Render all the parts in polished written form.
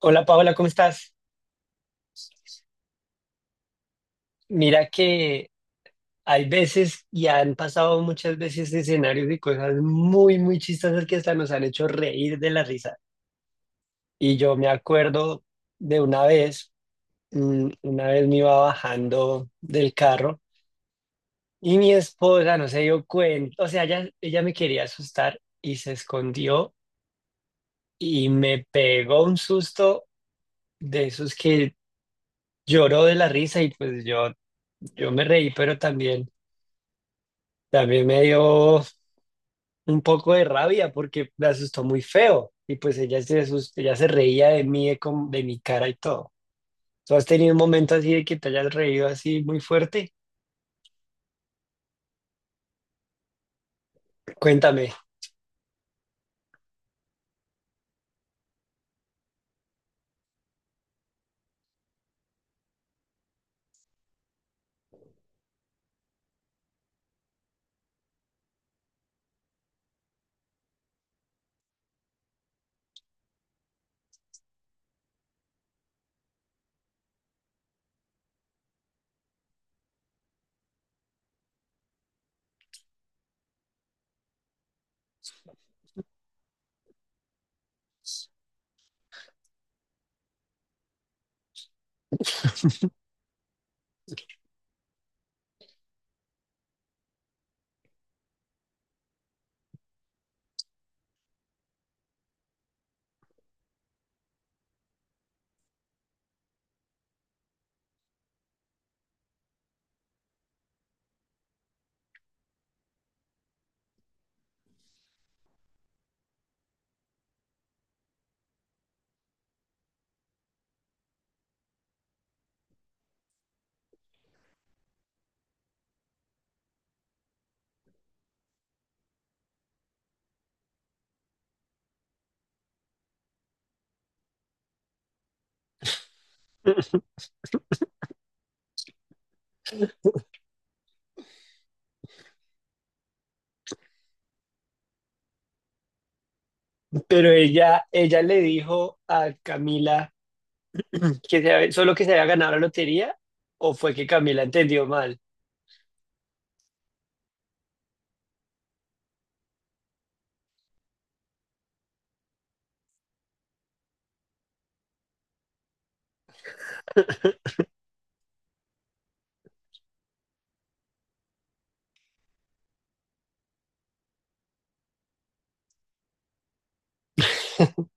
Hola Paola, ¿cómo estás? Mira que hay veces y han pasado muchas veces escenarios y cosas muy, muy chistosas que hasta nos han hecho reír de la risa. Y yo me acuerdo de una vez, una vez me iba bajando del carro y mi esposa no se dio cuenta, o sea, ella me quería asustar y se escondió y me pegó un susto de esos que lloró de la risa y pues yo me reí, pero también, también me dio un poco de rabia porque me asustó muy feo y pues ella se reía de mí, de mi cara y todo. ¿Tú has tenido un momento así de que te hayas reído así muy fuerte? Cuéntame. Pero ella le dijo a Camila solo que se había ganado la lotería o fue que Camila entendió mal.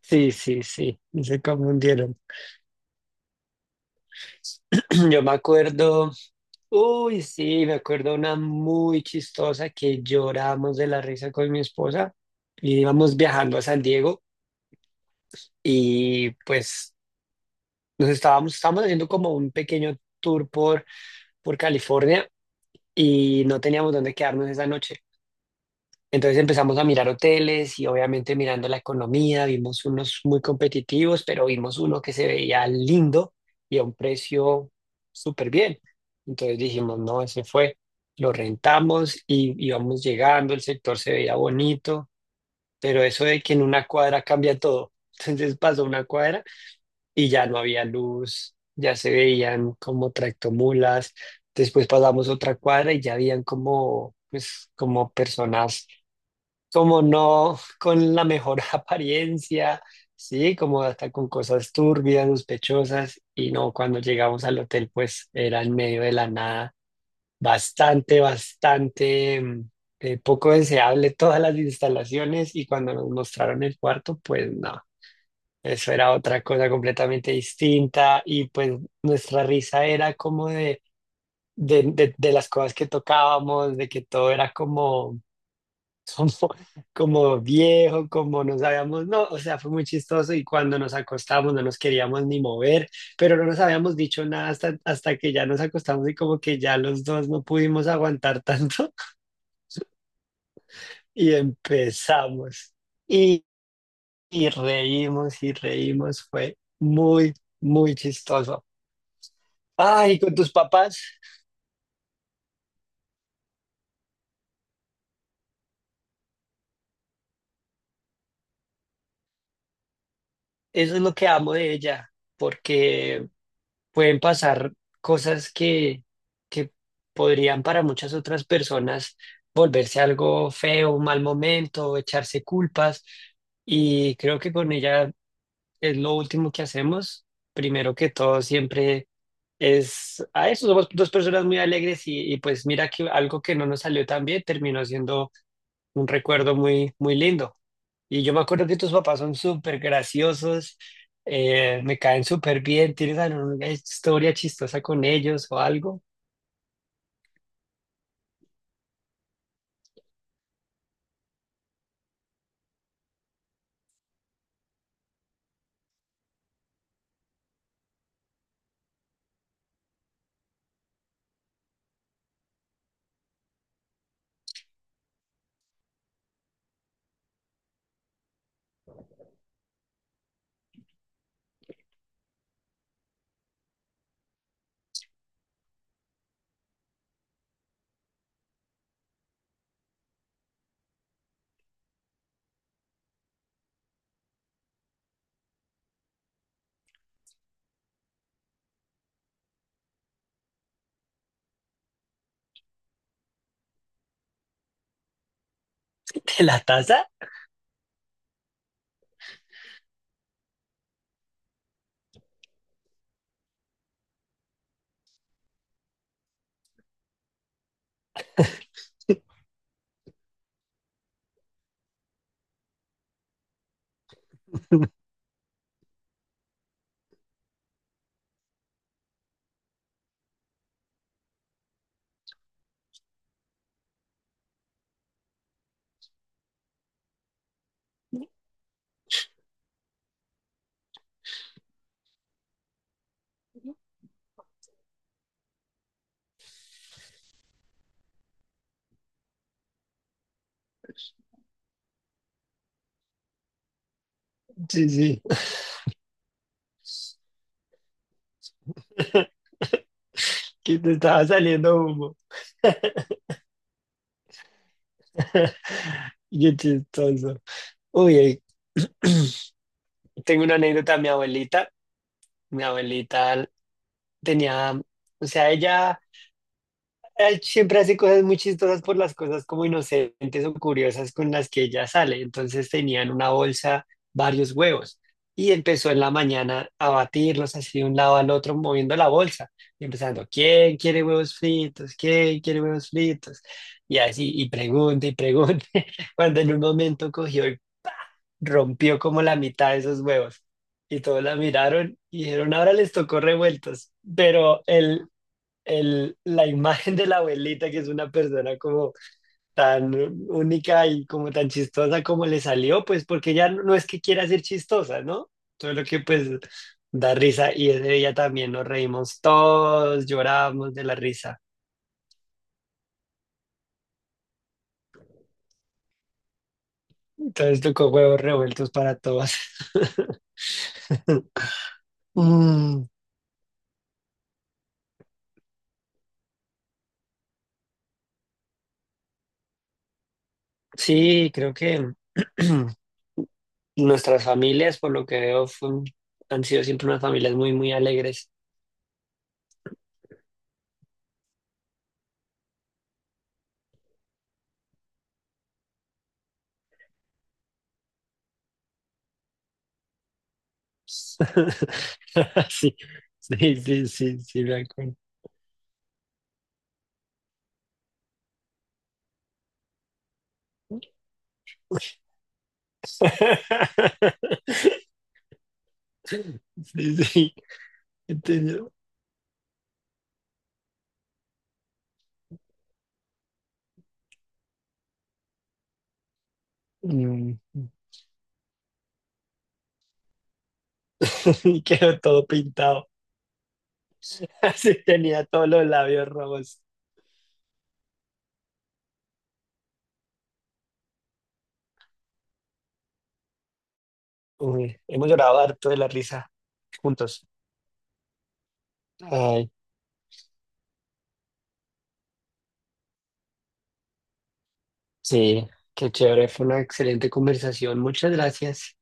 Sí, sí, sí, se confundieron. Yo me acuerdo. Uy, sí, me acuerdo una muy chistosa que lloramos de la risa con mi esposa. Y íbamos viajando a San Diego y pues estábamos haciendo como un pequeño tour por California y no teníamos dónde quedarnos esa noche. Entonces empezamos a mirar hoteles y obviamente mirando la economía, vimos unos muy competitivos, pero vimos uno que se veía lindo y a un precio súper bien. Entonces dijimos, no, ese fue, lo rentamos y íbamos llegando, el sector se veía bonito, pero eso de que en una cuadra cambia todo. Entonces pasó una cuadra y ya no había luz, ya se veían como tractomulas, después pasamos otra cuadra y ya habían como, pues, como personas como no con la mejor apariencia, sí, como hasta con cosas turbias, sospechosas, y no, cuando llegamos al hotel, pues era en medio de la nada, bastante, bastante, poco deseable todas las instalaciones, y cuando nos mostraron el cuarto, pues no. Eso era otra cosa completamente distinta y pues nuestra risa era como de las cosas que tocábamos, de que todo era como como, como viejo, como no sabíamos, no, o sea, fue muy chistoso y cuando nos acostamos no nos queríamos ni mover, pero no nos habíamos dicho nada hasta, hasta que ya nos acostamos y como que ya los dos no pudimos aguantar tanto. Y empezamos y, y reímos, fue muy, muy chistoso. Ay, con tus papás, eso es lo que amo de ella, porque pueden pasar cosas que podrían para muchas otras personas volverse algo feo, un mal momento, echarse culpas. Y creo que con ella es lo último que hacemos. Primero que todo, siempre es a eso. Somos dos personas muy alegres y pues mira que algo que no nos salió tan bien terminó siendo un recuerdo muy, muy lindo. Y yo me acuerdo que tus papás son súper graciosos, me caen súper bien. ¿Tienes alguna historia chistosa con ellos o algo? ¿De la taza? Sí, sí. Que te estaba saliendo humo. Qué chistoso. Uy, tengo una anécdota. Mi abuelita tenía, o sea, ella siempre hace cosas muy chistosas por las cosas como inocentes o curiosas con las que ella sale. Entonces tenía en una bolsa varios huevos y empezó en la mañana a batirlos así de un lado al otro moviendo la bolsa y empezando, ¿quién quiere huevos fritos? ¿Quién quiere huevos fritos? Y así, y pregunta, cuando en un momento cogió y rompió como la mitad de esos huevos. Y todos la miraron y dijeron, ahora les tocó revueltos. Pero él el, la imagen de la abuelita, que es una persona como tan única y como tan chistosa como le salió, pues porque ya no, no es que quiera ser chistosa, ¿no? Todo lo que pues da risa y ese día también nos reímos todos, llorábamos de la risa. Entonces tocó huevos revueltos para todos. Mm, sí, creo que nuestras familias, por lo que veo, han sido siempre unas familias muy, muy alegres. Sí, sí, sí, sí, sí, me acuerdo. Sí, sí, entendido. Mm, y quedó todo pintado. Así tenía todos los labios rojos. Uy, hemos llorado harto de la risa juntos. Ay, sí, qué chévere, fue una excelente conversación. Muchas gracias.